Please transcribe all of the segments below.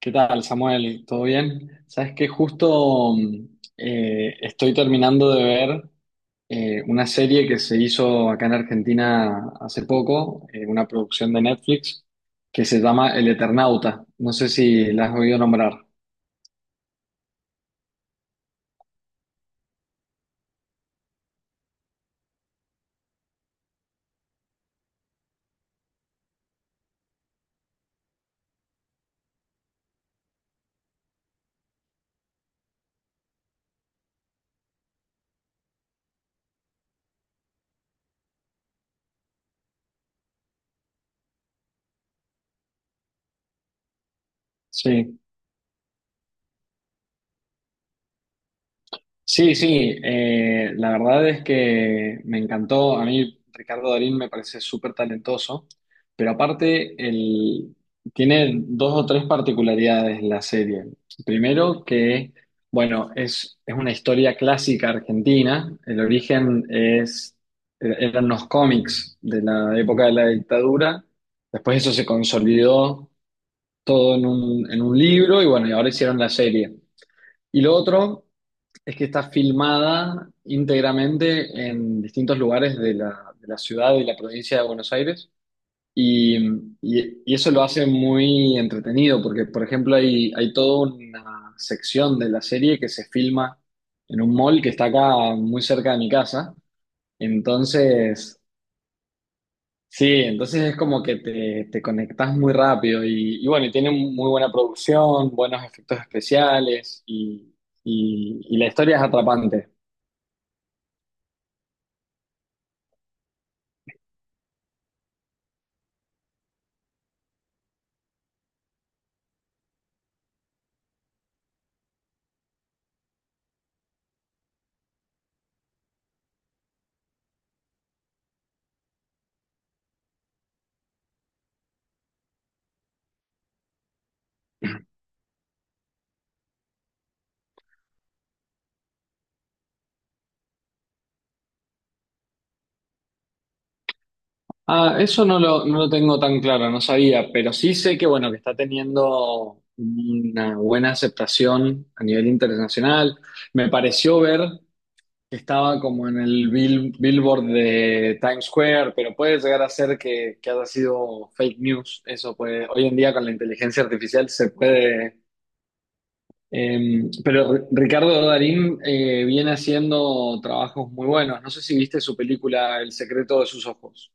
¿Qué tal, Samuel? ¿Todo bien? Sabes que justo estoy terminando de ver una serie que se hizo acá en Argentina hace poco, una producción de Netflix, que se llama El Eternauta. No sé si la has oído nombrar. Sí. Sí, sí, la verdad es que me encantó. A mí Ricardo Darín me parece súper talentoso, pero aparte el- tiene dos o tres particularidades la serie. Primero que, bueno, es una historia clásica argentina. El origen es, eran los cómics de la época de la dictadura. Después eso se consolidó todo en un libro y bueno, y ahora hicieron la serie. Y lo otro... Es que está filmada íntegramente en distintos lugares de la ciudad y la provincia de Buenos Aires. Y, y eso lo hace muy entretenido, porque, por ejemplo, hay toda una sección de la serie que se filma en un mall que está acá muy cerca de mi casa. Entonces, sí, entonces es como que te conectás muy rápido. Y bueno, y tiene muy buena producción, buenos efectos especiales y, y la historia es atrapante. Ah, eso no lo tengo tan claro, no sabía, pero sí sé que, bueno, que está teniendo una buena aceptación a nivel internacional. Me pareció ver que estaba como en el bill- Billboard de Times Square, pero puede llegar a ser que haya sido fake news. Eso puede, hoy en día con la inteligencia artificial se puede... pero R- Ricardo Darín viene haciendo trabajos muy buenos. No sé si viste su película El secreto de sus ojos.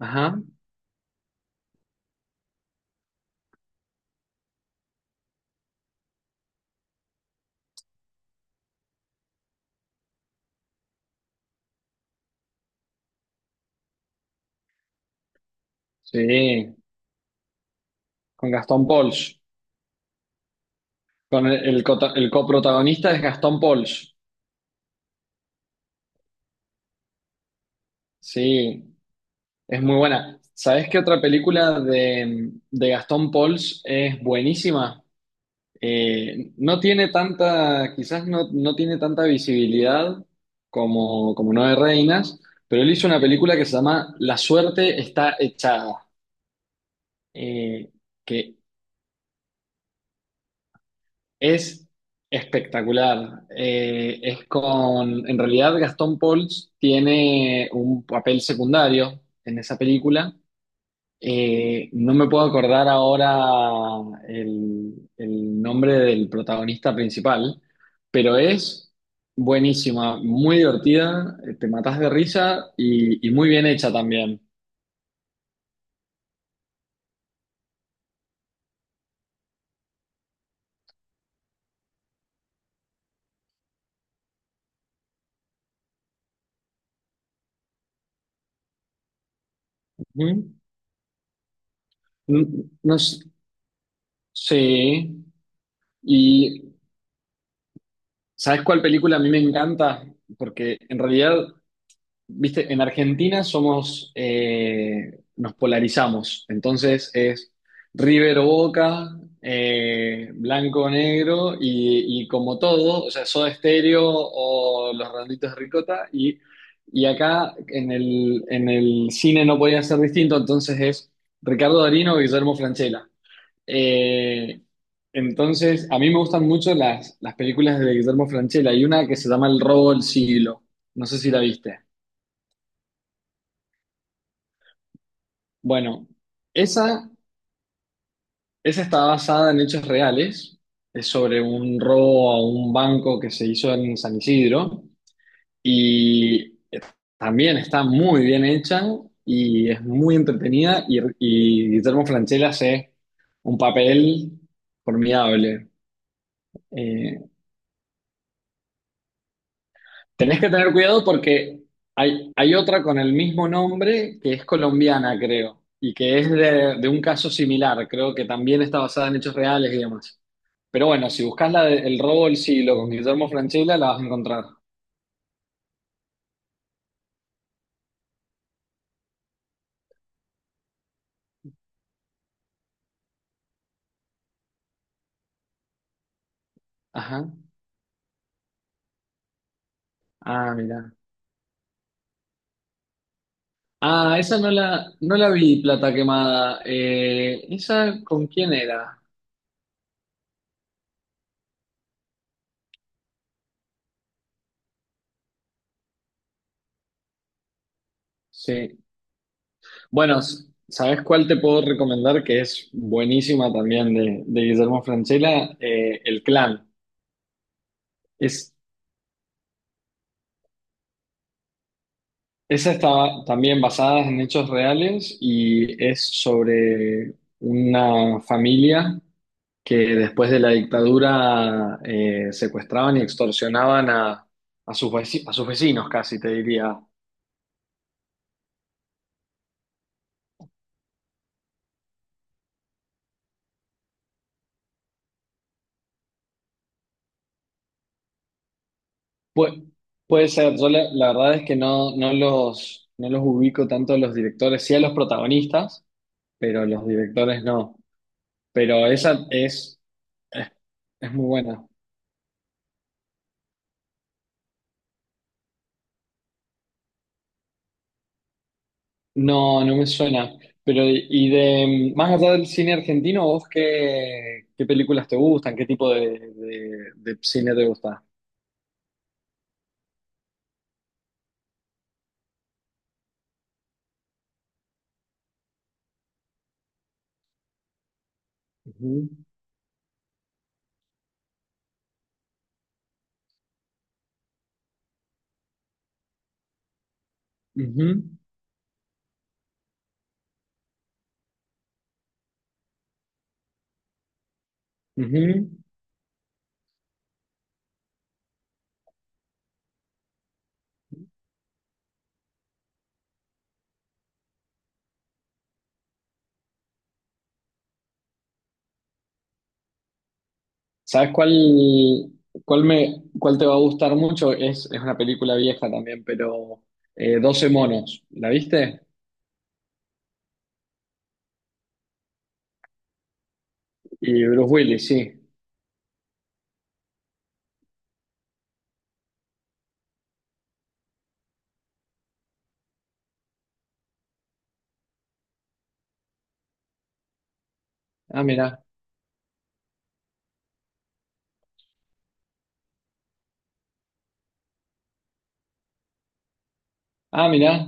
Ajá. Sí, con Gastón Pauls. Con el cota- el coprotagonista es Gastón Pauls. Sí, es muy buena. ¿Sabés qué otra película de Gastón Pauls es buenísima? No tiene tanta, quizás no tiene tanta visibilidad como Nueve Reinas, pero él hizo una película que se llama La suerte está echada, eh, que Es espectacular. Es con, en realidad, Gastón Pauls tiene un papel secundario en esa película. No me puedo acordar ahora el nombre del protagonista principal, pero es buenísima, muy divertida, te matas de risa y muy bien hecha también. Ujú. No, no s- sí. Y ¿sabes cuál película a mí me encanta? Porque en realidad, viste, en Argentina somos, nos polarizamos. Entonces es River o Boca, blanco o negro, y como todo, o sea, Soda Stereo o Los Redonditos de Ricota. Y acá en el cine no podía ser distinto, entonces es Ricardo Darín o Guillermo Francella. Eh, entonces, a mí me gustan mucho las películas de Guillermo Francella. Hay una que se llama El robo del siglo. No sé si la viste. Bueno, esa, esa está basada en hechos reales. Es sobre un robo a un banco que se hizo en San Isidro. Y también está muy bien hecha y es muy entretenida. Y Guillermo Francella hace un papel formidable. Eh, Tenés que tener cuidado porque hay otra con el mismo nombre que es colombiana, creo, y que es de un caso similar, creo que también está basada en hechos reales y demás. Pero bueno, si buscas la de El robo del siglo con Guillermo Francella, la vas a encontrar. Ajá. Ah, mira. Ah, esa no la vi, Plata Quemada. ¿Esa con quién era? Sí. Bueno, s- ¿sabes cuál te puedo recomendar que es buenísima también de Guillermo Francella? El Clan. Es Esa está también basada en hechos reales y es sobre una familia que después de la dictadura secuestraban y extorsionaban a sus veci- a sus vecinos, casi te diría. Pu- puede ser, yo la, la verdad es que no, no los ubico tanto a los directores, sí a los protagonistas, pero los directores no. Pero esa es, es muy buena. No, no me suena. Pero, y de más allá del cine argentino, ¿vos qué, qué películas te gustan? ¿Qué tipo de cine te gusta? Ujú, ujú, ujú. ¿Sabes cuál, cuál me, cuál te va a gustar mucho? Es una película vieja también, pero 12 monos. ¿La viste? Y Bruce Willis, sí. Ah, mira. Ah, mira.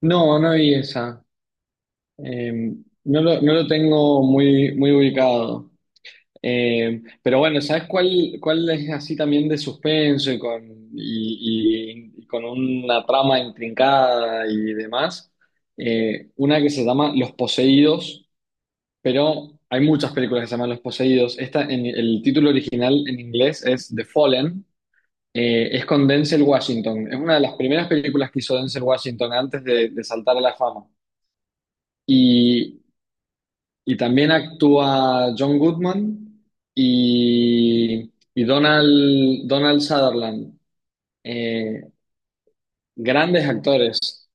No, no vi esa. Eh, no lo tengo muy, muy ubicado. Pero bueno, ¿sabes cuál, cuál es así también de suspenso y con, y con una trama intrincada y demás? Una que se llama Los Poseídos, pero hay muchas películas que se llaman Los Poseídos. Esta, en, el título original en inglés es The Fallen, es con Denzel Washington. Es una de las primeras películas que hizo Denzel Washington antes de saltar a la fama. Y también actúa John Goodman y Donald, Donald Sutherland. Eh, grandes actores.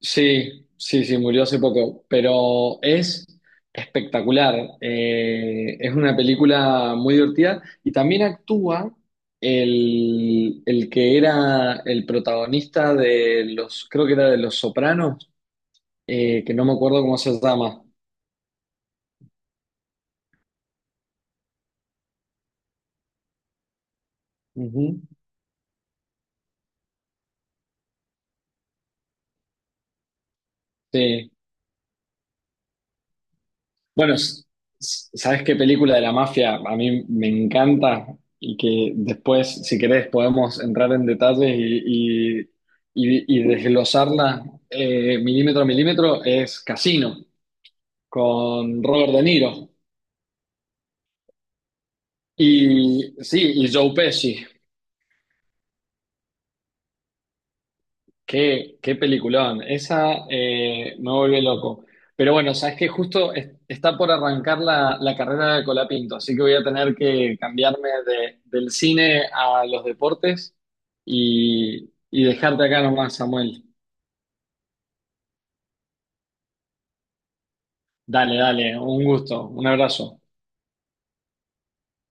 Sí, sí, sí, murió hace poco, pero es espectacular. Es una película muy divertida y también actúa el que era el protagonista de los, creo que era de Los Sopranos, que no me acuerdo cómo se llama. Ujú. Sí. Bueno, s- s- ¿sabes qué película de la mafia a mí me encanta? Y que después, si querés, podemos entrar en detalles y, y desglosarla milímetro a milímetro, es Casino, con Robert De Niro. Y sí, y Joe Pesci. Qué, qué peliculón, esa me vuelve loco. Pero bueno, sabes que justo es- está por arrancar la, la carrera de Colapinto, así que voy a tener que cambiarme de- del cine a los deportes y dejarte acá nomás, Samuel. Dale, dale, un gusto, un abrazo.